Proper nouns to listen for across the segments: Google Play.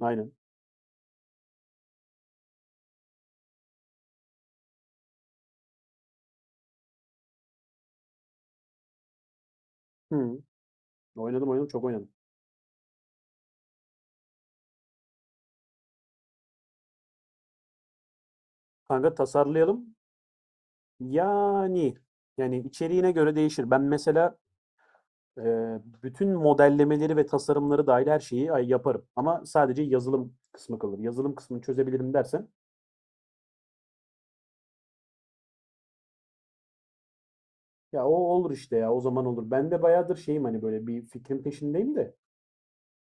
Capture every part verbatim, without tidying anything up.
Aynen. Hımm. Oynadım, oynadım, çok oynadım. Kanka tasarlayalım. Yani, yani içeriğine göre değişir. Ben mesela, eee, bütün modellemeleri ve tasarımları dahil her şeyi ay yaparım ama sadece yazılım kısmı kalır. Yazılım kısmını çözebilirim dersen, ya, o olur işte ya, o zaman olur. Ben de bayağıdır şeyim, hani, böyle bir fikrin peşindeyim de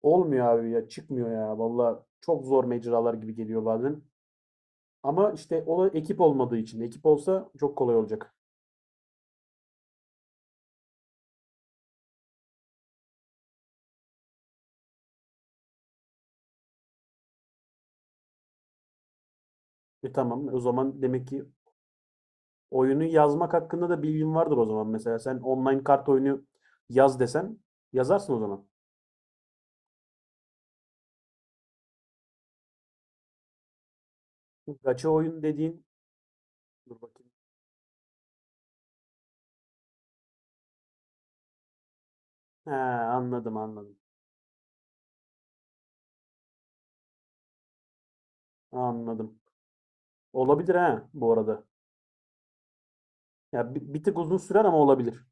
olmuyor abi ya, çıkmıyor ya. Valla çok zor mecralar gibi geliyor bazen ama işte o ekip olmadığı için. Ekip olsa çok kolay olacak. E, tamam, o zaman demek ki oyunu yazmak hakkında da bilgin vardır o zaman mesela. Sen online kart oyunu yaz desen yazarsın o zaman. Gacha oyun dediğin dur bakayım. He, anladım anladım. Anladım. Olabilir ha bu arada. Ya bi- bir tık uzun sürer ama olabilir.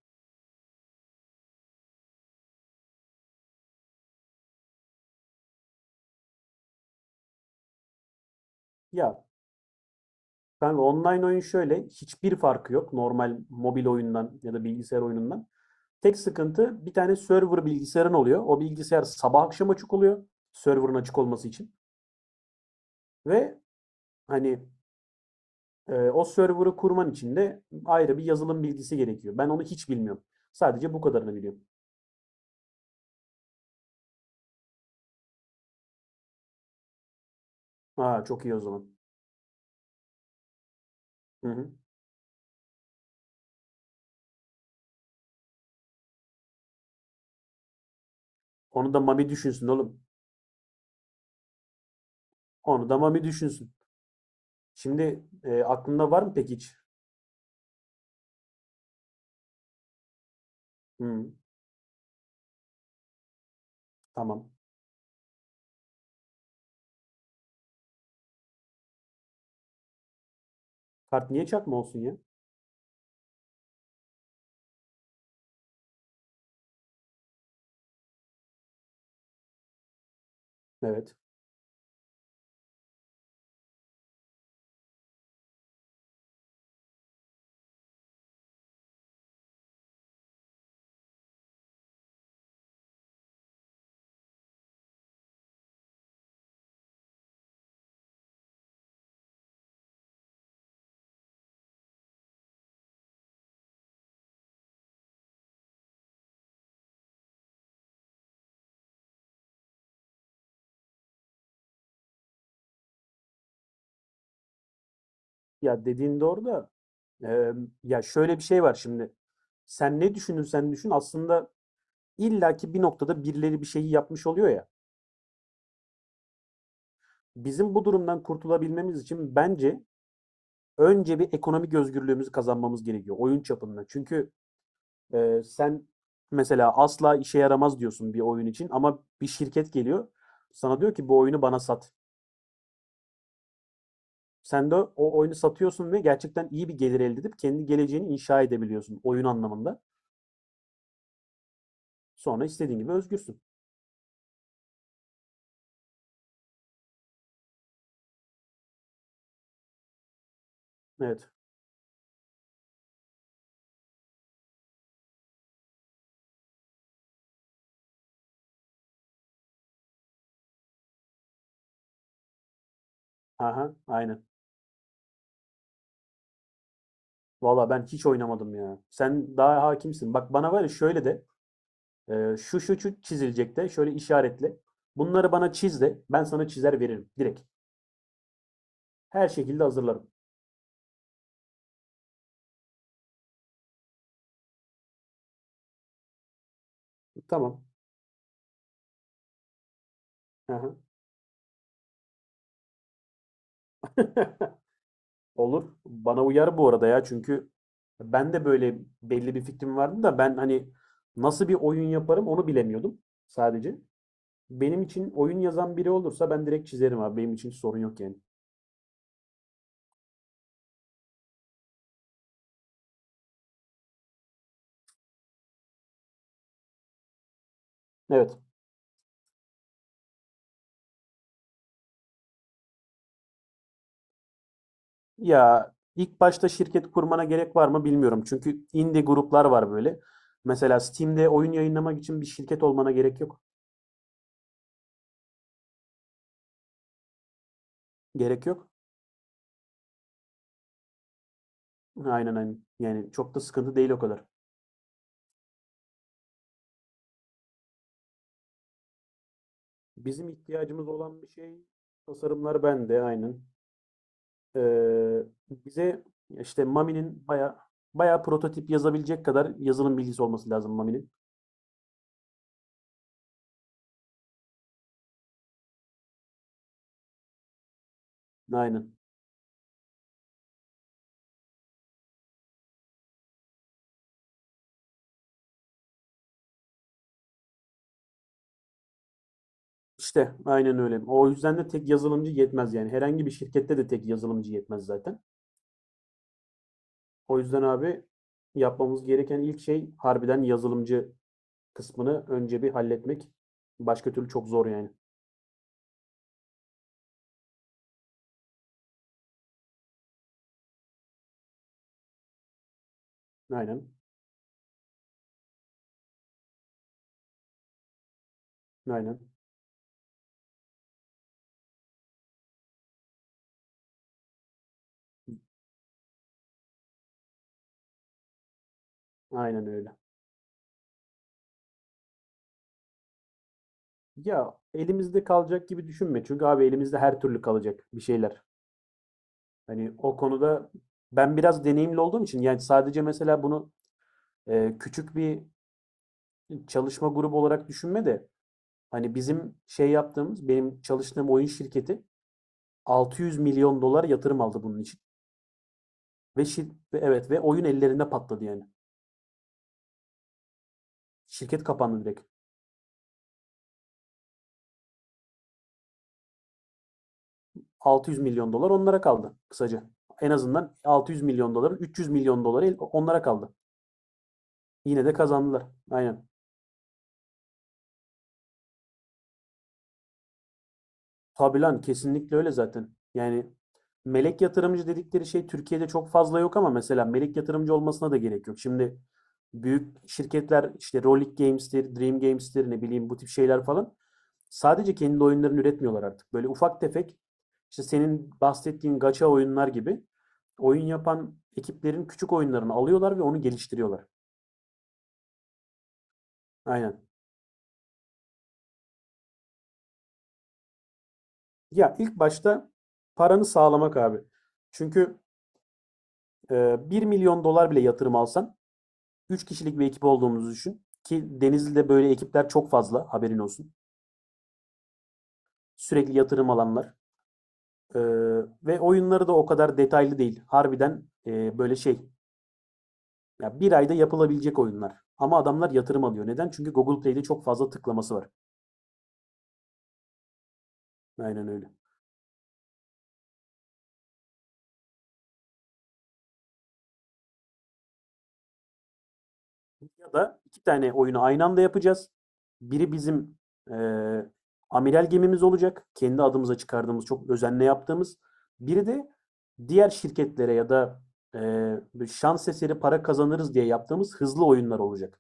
Ya kanka online oyun şöyle hiçbir farkı yok normal mobil oyundan ya da bilgisayar oyunundan. Tek sıkıntı bir tane server bilgisayarın oluyor. O bilgisayar sabah akşam açık oluyor. Server'ın açık olması için. Ve hani, Ee, o server'ı kurman için de ayrı bir yazılım bilgisi gerekiyor. Ben onu hiç bilmiyorum. Sadece bu kadarını biliyorum. Aa, çok iyi o zaman. Hı hı. Onu da Mami düşünsün oğlum. Onu da Mami düşünsün. Şimdi e, aklında var mı peki hiç? Hı, tamam. Kart niye çakma olsun ya? Evet. Ya dediğin doğru da e, ya şöyle bir şey var şimdi. Sen ne düşünürsen düşün aslında illaki bir noktada birileri bir şeyi yapmış oluyor ya. Bizim bu durumdan kurtulabilmemiz için bence önce bir ekonomik özgürlüğümüzü kazanmamız gerekiyor oyun çapında. Çünkü e, sen mesela asla işe yaramaz diyorsun bir oyun için ama bir şirket geliyor sana diyor ki bu oyunu bana sat. Sen de o oyunu satıyorsun ve gerçekten iyi bir gelir elde edip kendi geleceğini inşa edebiliyorsun oyun anlamında. Sonra istediğin gibi özgürsün. Evet. Aha, aynen. Valla ben hiç oynamadım ya. Sen daha hakimsin. Bak bana var ya şöyle de, e, şu şu şu çizilecek de şöyle işaretle. Bunları bana çiz de ben sana çizer veririm direkt. Her şekilde hazırlarım. Tamam. Olur. Bana uyar bu arada ya, çünkü ben de böyle belli bir fikrim vardı da ben hani nasıl bir oyun yaparım onu bilemiyordum sadece. Benim için oyun yazan biri olursa ben direkt çizerim abi. Benim için sorun yok yani. Evet. Ya ilk başta şirket kurmana gerek var mı bilmiyorum. Çünkü indie gruplar var böyle. Mesela Steam'de oyun yayınlamak için bir şirket olmana gerek yok. Gerek yok. Aynen, aynen. Yani çok da sıkıntı değil o kadar. Bizim ihtiyacımız olan bir şey tasarımlar bende, aynen. Ee, bize işte Mami'nin baya baya prototip yazabilecek kadar yazılım bilgisi olması lazım Mami'nin. Aynen. İşte aynen öyle. O yüzden de tek yazılımcı yetmez yani. Herhangi bir şirkette de tek yazılımcı yetmez zaten. O yüzden abi yapmamız gereken ilk şey harbiden yazılımcı kısmını önce bir halletmek. Başka türlü çok zor yani. Aynen. Aynen. Aynen öyle. Ya elimizde kalacak gibi düşünme. Çünkü abi elimizde her türlü kalacak bir şeyler. Hani o konuda ben biraz deneyimli olduğum için, yani sadece mesela bunu, e, küçük bir çalışma grubu olarak düşünme de hani bizim şey yaptığımız benim çalıştığım oyun şirketi altı yüz milyon dolar yatırım aldı bunun için. Ve şir- ve evet ve oyun ellerinde patladı yani. Şirket kapandı direkt. altı yüz milyon dolar onlara kaldı kısaca. En azından altı yüz milyon doların üç yüz milyon doları el- onlara kaldı. Yine de kazandılar. Aynen. Tabii lan, kesinlikle öyle zaten. Yani melek yatırımcı dedikleri şey Türkiye'de çok fazla yok ama mesela melek yatırımcı olmasına da gerek yok. Şimdi büyük şirketler işte Rolik Games'tir, Dream Games'tir, ne bileyim bu tip şeyler falan, sadece kendi oyunlarını üretmiyorlar artık. Böyle ufak tefek işte senin bahsettiğin gacha oyunlar gibi oyun yapan ekiplerin küçük oyunlarını alıyorlar ve onu geliştiriyorlar. Aynen. Ya ilk başta paranı sağlamak abi. Çünkü e, bir milyon dolar bile yatırım alsan üç kişilik bir ekip olduğumuzu düşün. Ki Denizli'de böyle ekipler çok fazla, haberin olsun. Sürekli yatırım alanlar. Ee, ve oyunları da o kadar detaylı değil. Harbiden, e, böyle şey. Ya bir ayda yapılabilecek oyunlar. Ama adamlar yatırım alıyor. Neden? Çünkü Google Play'de çok fazla tıklaması var. Aynen öyle. Ya da iki tane oyunu aynı anda yapacağız. Biri bizim eee amiral gemimiz olacak. Kendi adımıza çıkardığımız, çok özenle yaptığımız. Biri de diğer şirketlere ya da eee, şans eseri para kazanırız diye yaptığımız hızlı oyunlar olacak.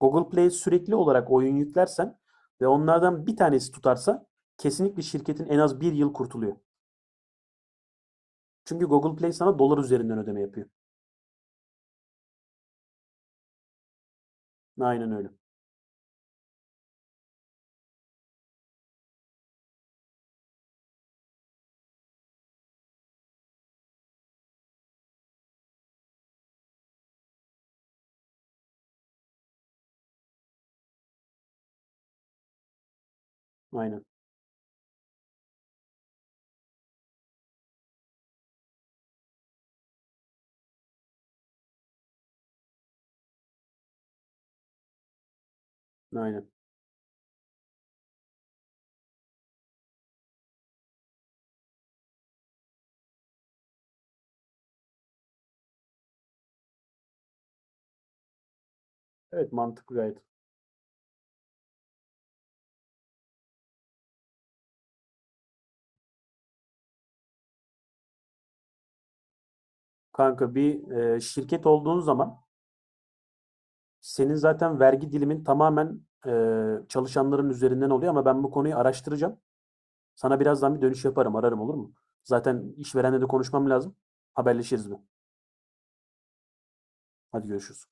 Google Play sürekli olarak oyun yüklersen ve onlardan bir tanesi tutarsa kesinlikle şirketin en az bir yıl kurtuluyor. Çünkü Google Play sana dolar üzerinden ödeme yapıyor. Aynen öyle. Aynen. Aynen. Evet, mantıklı gayet. Kanka bir e, şirket olduğun zaman senin zaten vergi dilimin tamamen, e, çalışanların üzerinden oluyor ama ben bu konuyu araştıracağım. Sana birazdan bir dönüş yaparım, ararım, olur mu? Zaten işverenle de konuşmam lazım. Haberleşiriz mi? Hadi görüşürüz.